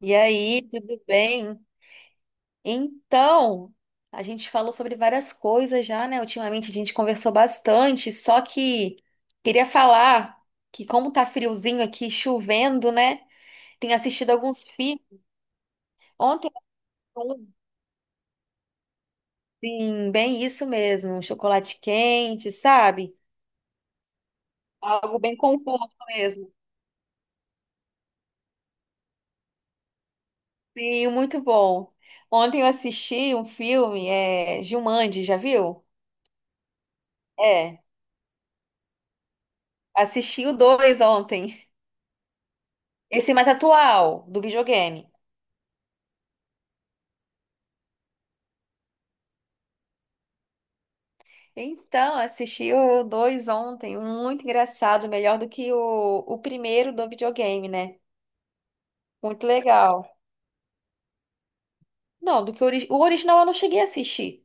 E aí, tudo bem? Então, a gente falou sobre várias coisas já, né? Ultimamente a gente conversou bastante, só que queria falar que como tá friozinho aqui, chovendo, né? Tenho assistido alguns filmes. Ontem, sim, bem isso mesmo, um chocolate quente, sabe? Algo bem conforto mesmo. Sim, muito bom. Ontem eu assisti um filme, é Jumanji, já viu? É, assisti o dois ontem. Esse mais atual, do videogame. Assisti o dois ontem, um muito engraçado, melhor do que o primeiro do videogame, né? Muito legal. Não, do que o original eu não cheguei a assistir.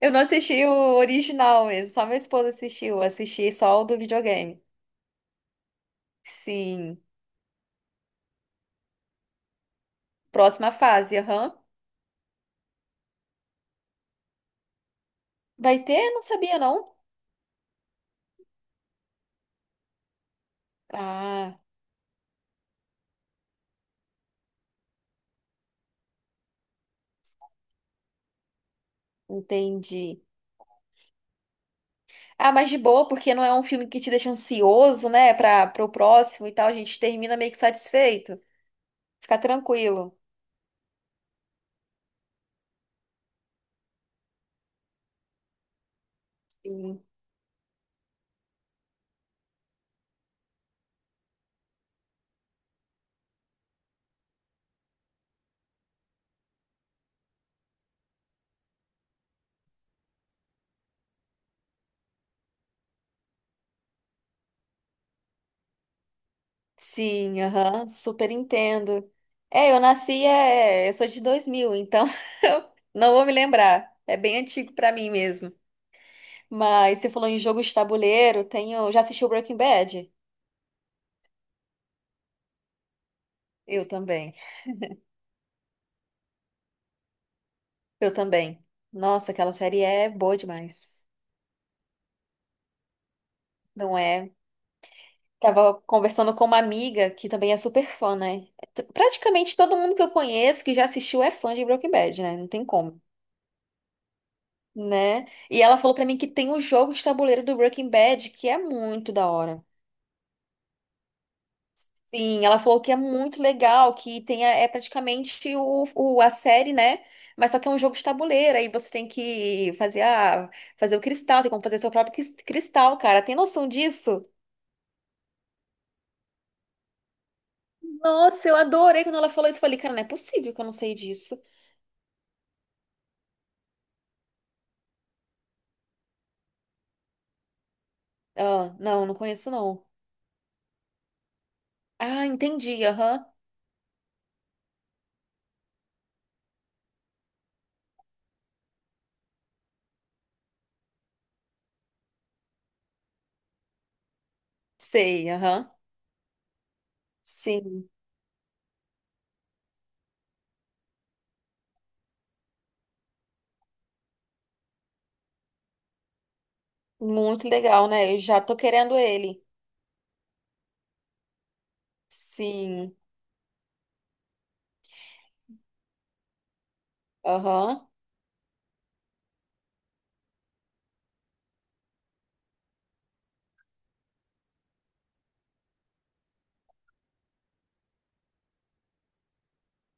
Eu não assisti o original mesmo, só minha esposa assistiu, eu assisti só o do videogame. Sim, próxima fase, aham. Vai ter? Não sabia, não. Ah, entendi. Ah, mas de boa, porque não é um filme que te deixa ansioso, né, para o próximo e tal, a gente termina meio que satisfeito. Fica tranquilo. Sim, sim, aham, super entendo. É, eu nasci, eu sou de 2000, então eu não vou me lembrar. É bem antigo pra mim mesmo. Mas você falou em jogo de tabuleiro, tenho, já assistiu Breaking Bad? Eu também. Eu também. Nossa, aquela série é boa demais. Não é? Tava conversando com uma amiga que também é super fã, né? Praticamente todo mundo que eu conheço que já assistiu é fã de Breaking Bad, né? Não tem como. Né? E ela falou pra mim que tem o jogo de tabuleiro do Breaking Bad, que é muito da hora. Sim, ela falou que é muito legal, que tem é praticamente a série, né? Mas só que é um jogo de tabuleiro, aí você tem que fazer fazer o cristal, tem como fazer seu próprio cristal, cara. Tem noção disso? Nossa, eu adorei quando ela falou isso. Eu falei, cara, não é possível que eu não sei disso. Ah, não, não conheço, não. Ah, entendi, aham. Sei, aham. Sim, muito legal, né? Eu já tô querendo ele. Sim. Aham.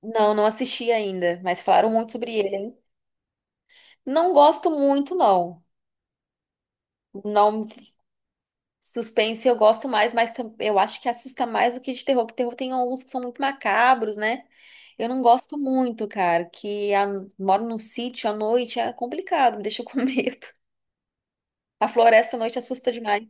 Não, não assisti ainda, mas falaram muito sobre ele, hein? Não gosto muito, não. Não, suspense eu gosto mais, mas eu acho que assusta mais do que de terror, que terror tem alguns que são muito macabros, né? Eu não gosto muito, cara, que moro num sítio à noite, é complicado, me deixa com medo. A floresta à noite assusta demais.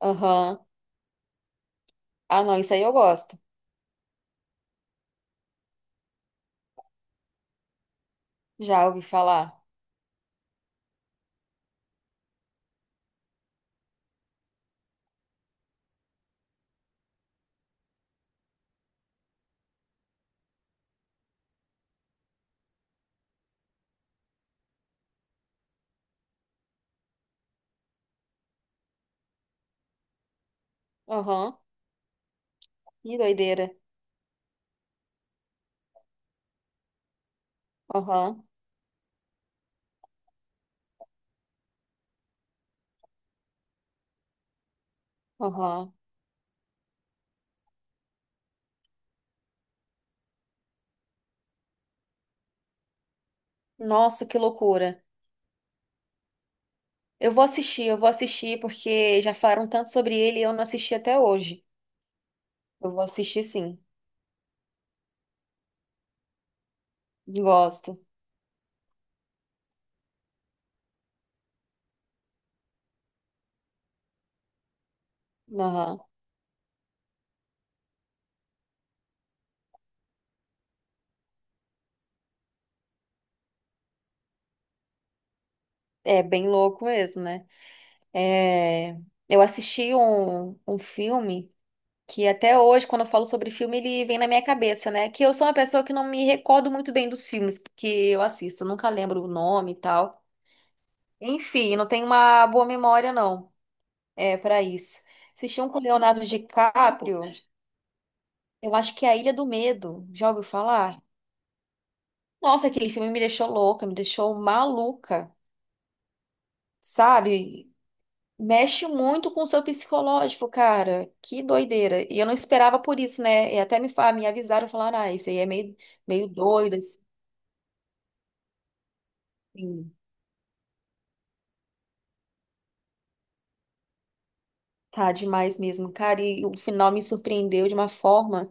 Aham. Ah, não, isso aí eu gosto. Já ouvi falar. Aham. Que doideira. Aham. Aham. Nossa, que loucura. Eu vou assistir porque já falaram tanto sobre ele e eu não assisti até hoje. Eu vou assistir sim. Gosto. Aham. É bem louco mesmo, né? É, eu assisti um filme que até hoje, quando eu falo sobre filme, ele vem na minha cabeça, né? Que eu sou uma pessoa que não me recordo muito bem dos filmes que eu assisto, eu nunca lembro o nome e tal. Enfim, não tenho uma boa memória, não. É, para isso. Assisti um com Leonardo DiCaprio. Eu acho que é A Ilha do Medo. Já ouviu falar? Nossa, aquele filme me deixou louca, me deixou maluca, sabe? Mexe muito com o seu psicológico, cara. Que doideira. E eu não esperava por isso, né? E até me, me avisaram, falaram, ah, isso aí é meio, meio doido, assim. Tá demais mesmo, cara. E o final me surpreendeu de uma forma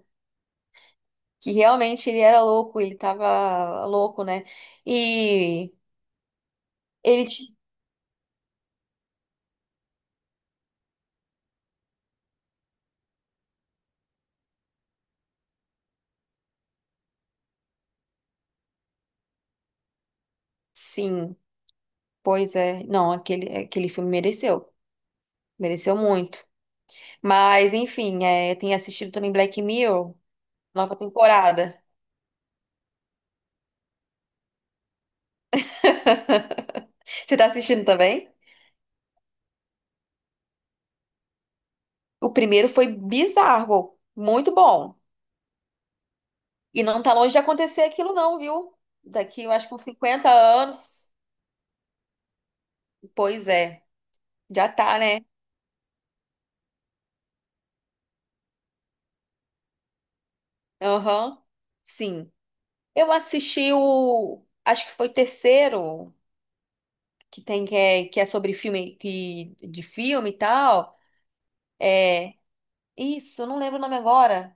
que realmente ele era louco, ele tava louco, né? E ele, ti- sim, pois é. Não, aquele filme mereceu. Mereceu muito. Mas, enfim, é, tenho assistido também Black Mirror, nova temporada. Você tá assistindo também? O primeiro foi bizarro, muito bom. E não tá longe de acontecer aquilo não, viu? Daqui, eu acho que uns 50 anos. Pois é, já tá, né? Aham, sim. Eu assisti o, acho que foi o terceiro, que tem que é sobre filme, que, de filme e tal. É, isso, eu não lembro o nome agora.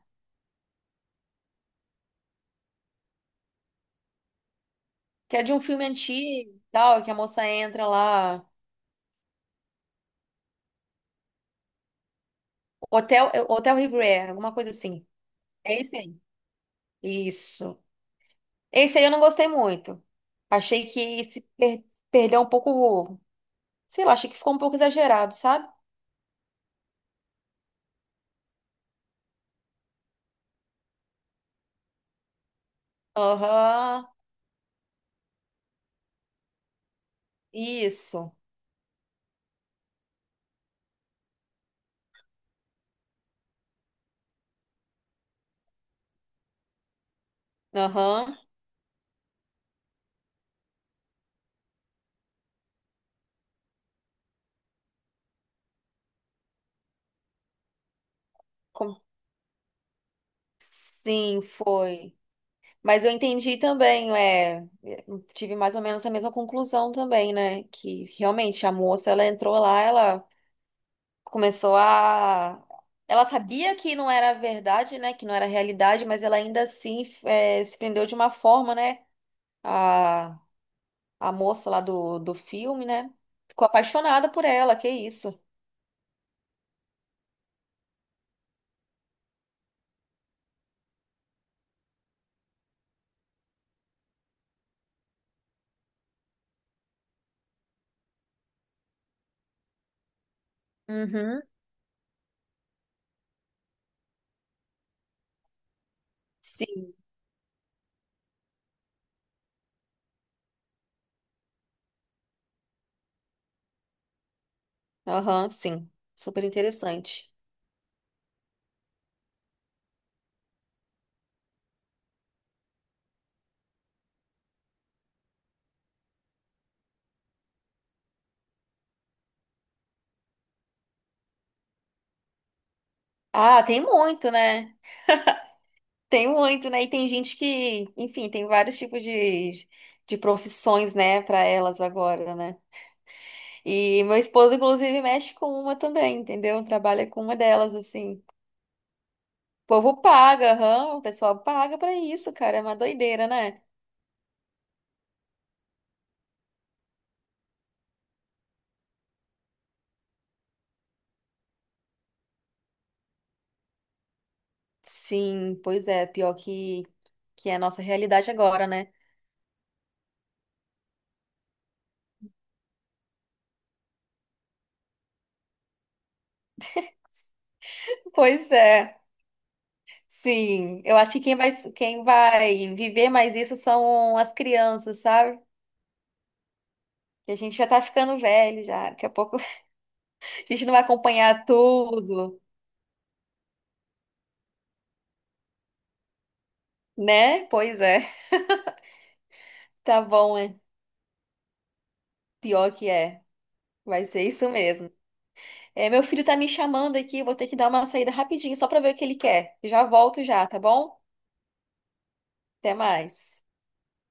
Que é de um filme antigo e tal, que a moça entra lá. Hotel, é, Hotel Riviera, alguma coisa assim. É esse aí. Isso. Esse aí eu não gostei muito. Achei que se perdeu um pouco. Sei lá, achei que ficou um pouco exagerado, sabe? Aham. Isso. Aham. Com- Sim, foi. Mas eu entendi também, é, eu tive mais ou menos a mesma conclusão também, né? Que realmente a moça, ela entrou lá, ela começou a. Ela sabia que não era verdade, né? Que não era realidade, mas ela ainda assim eh, se prendeu de uma forma, né? A, a moça lá do filme, né? Ficou apaixonada por ela, que isso. Uhum. Sim. Aham, sim. Super interessante. Ah, tem muito, né? Tem muito, né? E tem gente que, enfim, tem vários tipos de profissões, né, para elas agora, né? E meu esposo, inclusive, mexe com uma também, entendeu? Trabalha com uma delas, assim. O povo paga, aham, o pessoal paga pra isso, cara. É uma doideira, né? Sim, pois é. Pior que é a nossa realidade agora, né? Pois é. Sim, eu acho que quem vai viver mais isso são as crianças, sabe? Que a gente já tá ficando velho já. Daqui a pouco a gente não vai acompanhar tudo, né? Pois é. Tá bom, é. Pior que é. Vai ser isso mesmo. É, meu filho tá me chamando aqui, eu vou ter que dar uma saída rapidinho só pra ver o que ele quer. Já volto já, tá bom? Até mais.